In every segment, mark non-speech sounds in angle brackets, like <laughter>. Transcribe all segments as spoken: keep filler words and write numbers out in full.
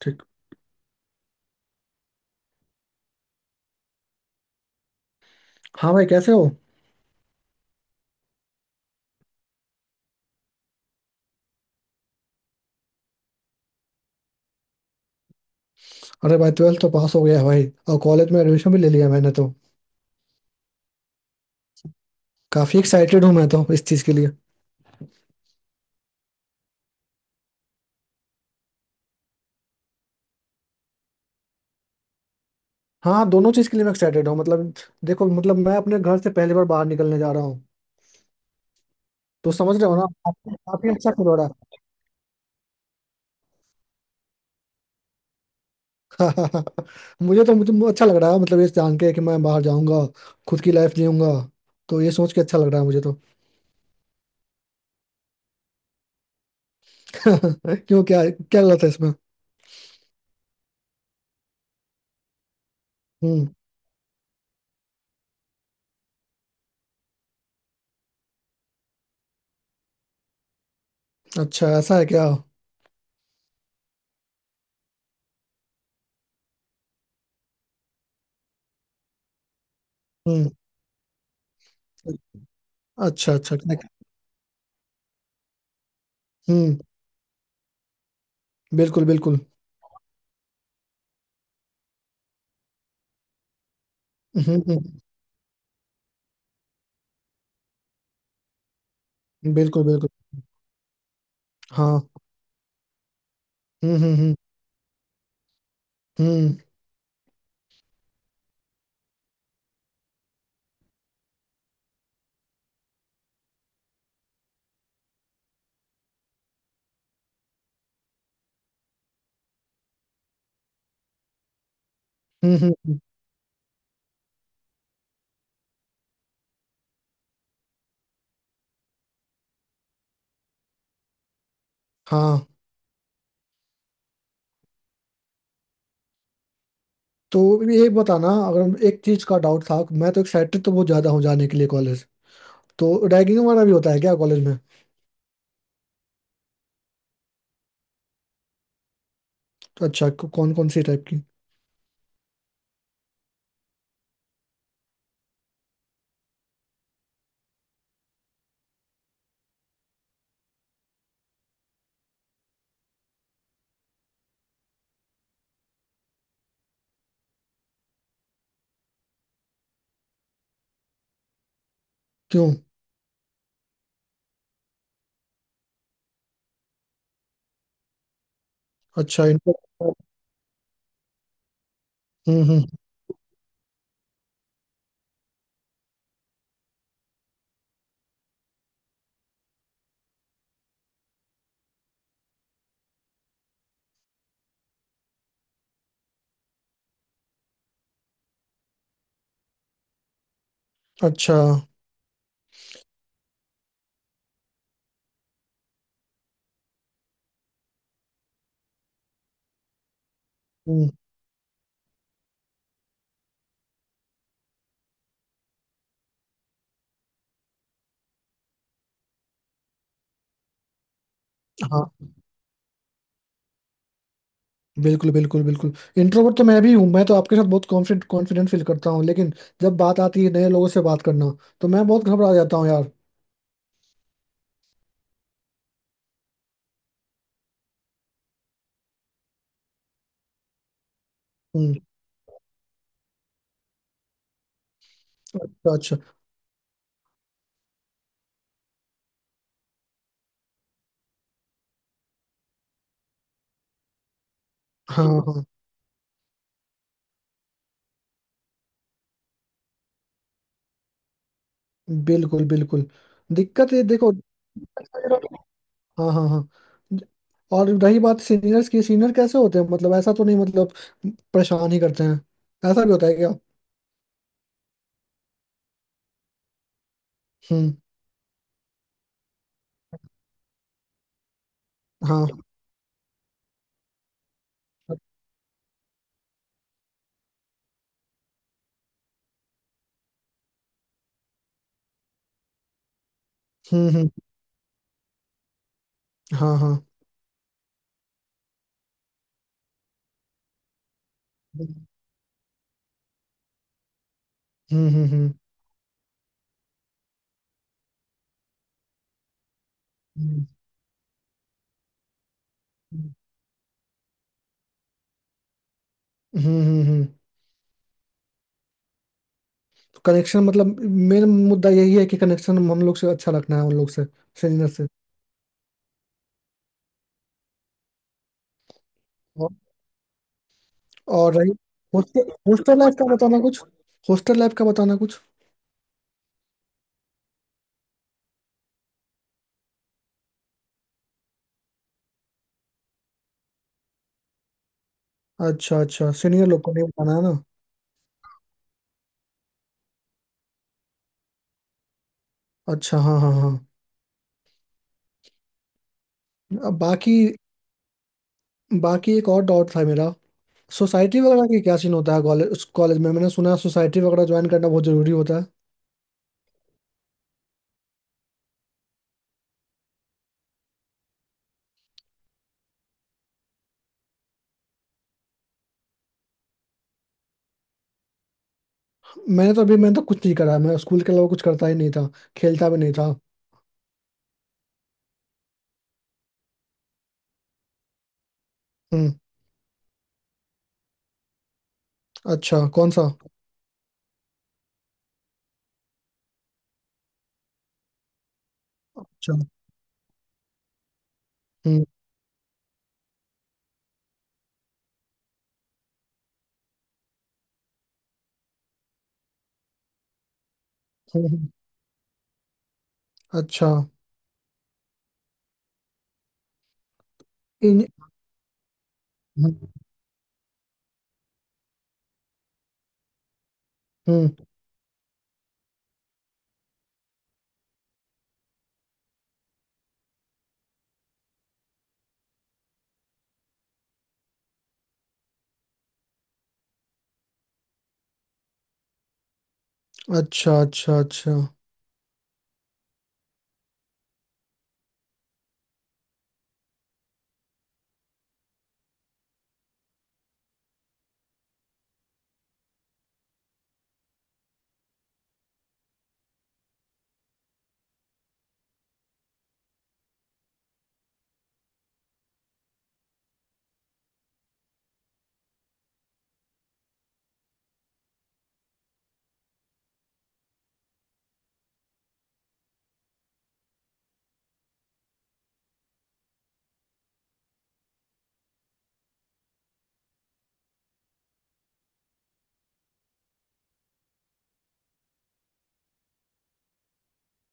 ठीक। हाँ भाई, कैसे हो? अरे भाई, ट्वेल्थ तो पास हो गया है भाई, और कॉलेज में एडमिशन भी ले लिया मैंने तो। काफी एक्साइटेड हूँ मैं तो इस चीज के लिए। हाँ, दोनों चीज के लिए मैं एक्साइटेड हूँ मतलब। देखो मतलब, मैं अपने घर से पहली बार बाहर निकलने जा रहा हूँ। तो समझ रहे हो ना, काफी काफी अच्छा फील हो रहा है। <laughs> मुझे तो मुझे अच्छा लग रहा है मतलब, ये जान के कि मैं बाहर जाऊंगा। खुद की लाइफ जीऊंगा। तो ये सोच के अच्छा लग रहा है मुझे तो। <laughs> क्यों, क्या क्या गलत है इसमें? हम्म। अच्छा, ऐसा है क्या? हम्म। अच्छा, अच्छा। हम्म। बिल्कुल, बिल्कुल। <laughs> बिल्कुल, बिल्कुल। हाँ। हम्म, हम्म, हम्म। हम्म, हम्म, हम्म, हम्म, हाँ। तो ये बताना, अगर हम- एक चीज का डाउट था। मैं तो एक्साइटेड तो बहुत ज्यादा हूँ जाने के लिए कॉलेज। तो रैगिंग वगैरह भी होता है क्या कॉलेज में? तो अच्छा, कौन कौन सी टाइप की? क्यों? अच्छा, इनको। हम्म, हम्म। अच्छा। हम्म। हाँ, बिल्कुल, बिल्कुल, बिल्कुल। इंट्रोवर्ट तो मैं भी हूँ, मैं तो आपके साथ बहुत कॉन्फिडेंट, कॉन्फिडेंट फील करता हूँ, लेकिन जब बात आती है नए लोगों से बात करना, तो मैं बहुत घबरा जाता हूँ यार। हम्म। अच्छा, अच्छा। हाँ, हाँ। बिल्कुल, बिल्कुल। दिक्कत ये देखो। हाँ, हाँ, हाँ। और रही बात सीनियर्स की, सीनियर कैसे होते हैं मतलब, ऐसा तो नहीं मतलब, परेशान ही करते हैं? ऐसा भी होता है क्या? हम्म। हाँ। हम्म, हम्म। हाँ, हाँ। हम्म, हम्म, हम्म। हम्म, हम्म, हम्म। कनेक्शन मतलब, मेन मुद्दा यही है कि कनेक्शन हम लोग से अच्छा रखना है, उन लोग से, सीनियर से। और और रही। हॉस्टल हॉस्टल लाइफ का बताना कुछ। हॉस्टल लाइफ का बताना कुछ। अच्छा, अच्छा, सीनियर लोग को नहीं बताना है। अच्छा, हाँ, हाँ, हाँ। अब बाकी बाकी एक और डाउट था मेरा। सोसाइटी वगैरह की क्या सीन होता है कॉलेज, उस कॉलेज में? मैंने सुना है सोसाइटी वगैरह ज्वाइन करना बहुत जरूरी होता है। मैंने तो अभी, मैंने तो कुछ नहीं करा है, मैं स्कूल के अलावा कुछ करता ही नहीं था। खेलता भी नहीं था। हम्म। अच्छा, कौन सा? अच्छा। हम्म, हम्म, हम्म। अच्छा, इन। हम्म, हम्म। अच्छा, अच्छा, अच्छा।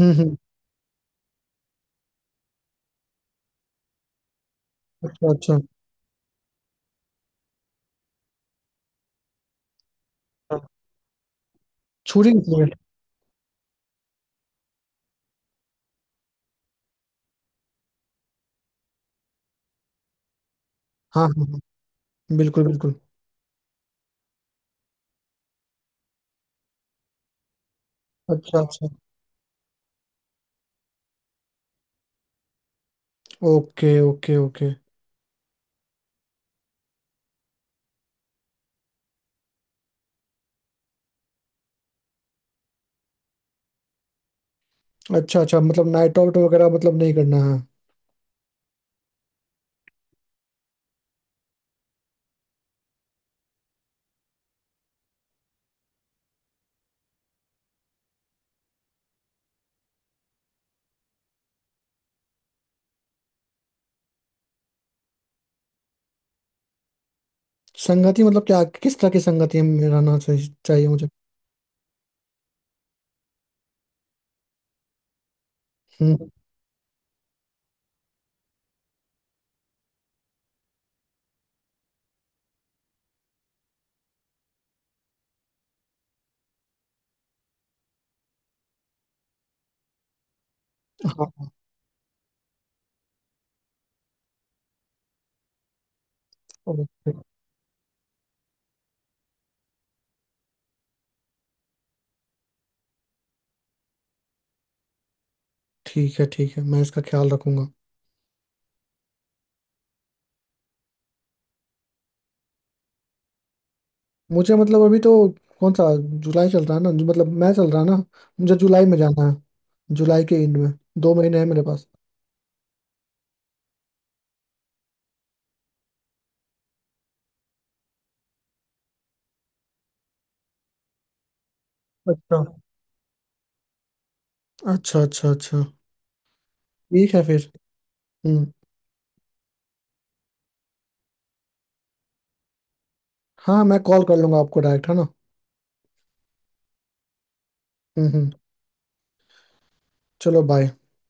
हम्म, हम्म। अच्छा, अच्छा। छुरी निकली? हाँ, हाँ, हाँ। बिल्कुल, बिल्कुल। अच्छा, अच्छा। Okay, okay, okay. अच्छा, अच्छा, मतलब नाइट आउट वगैरह मतलब नहीं करना है? संगति मतलब क्या, किस तरह की संगति में रहना चाहिए चाहिए मुझे? हम्म। हाँ। ओके। ठीक है, ठीक है, मैं इसका ख्याल रखूंगा। मुझे मतलब अभी तो, कौन सा जुलाई चल रहा है ना जो, मतलब मैं चल रहा है ना, मुझे जुलाई में जाना है, जुलाई के एंड में। दो महीने है मेरे पास। अच्छा, अच्छा, अच्छा, अच्छा। ठीक है फिर। हम्म। हाँ, मैं कॉल कर लूंगा आपको डायरेक्ट है ना। हम्म, हम्म। चलो बाय।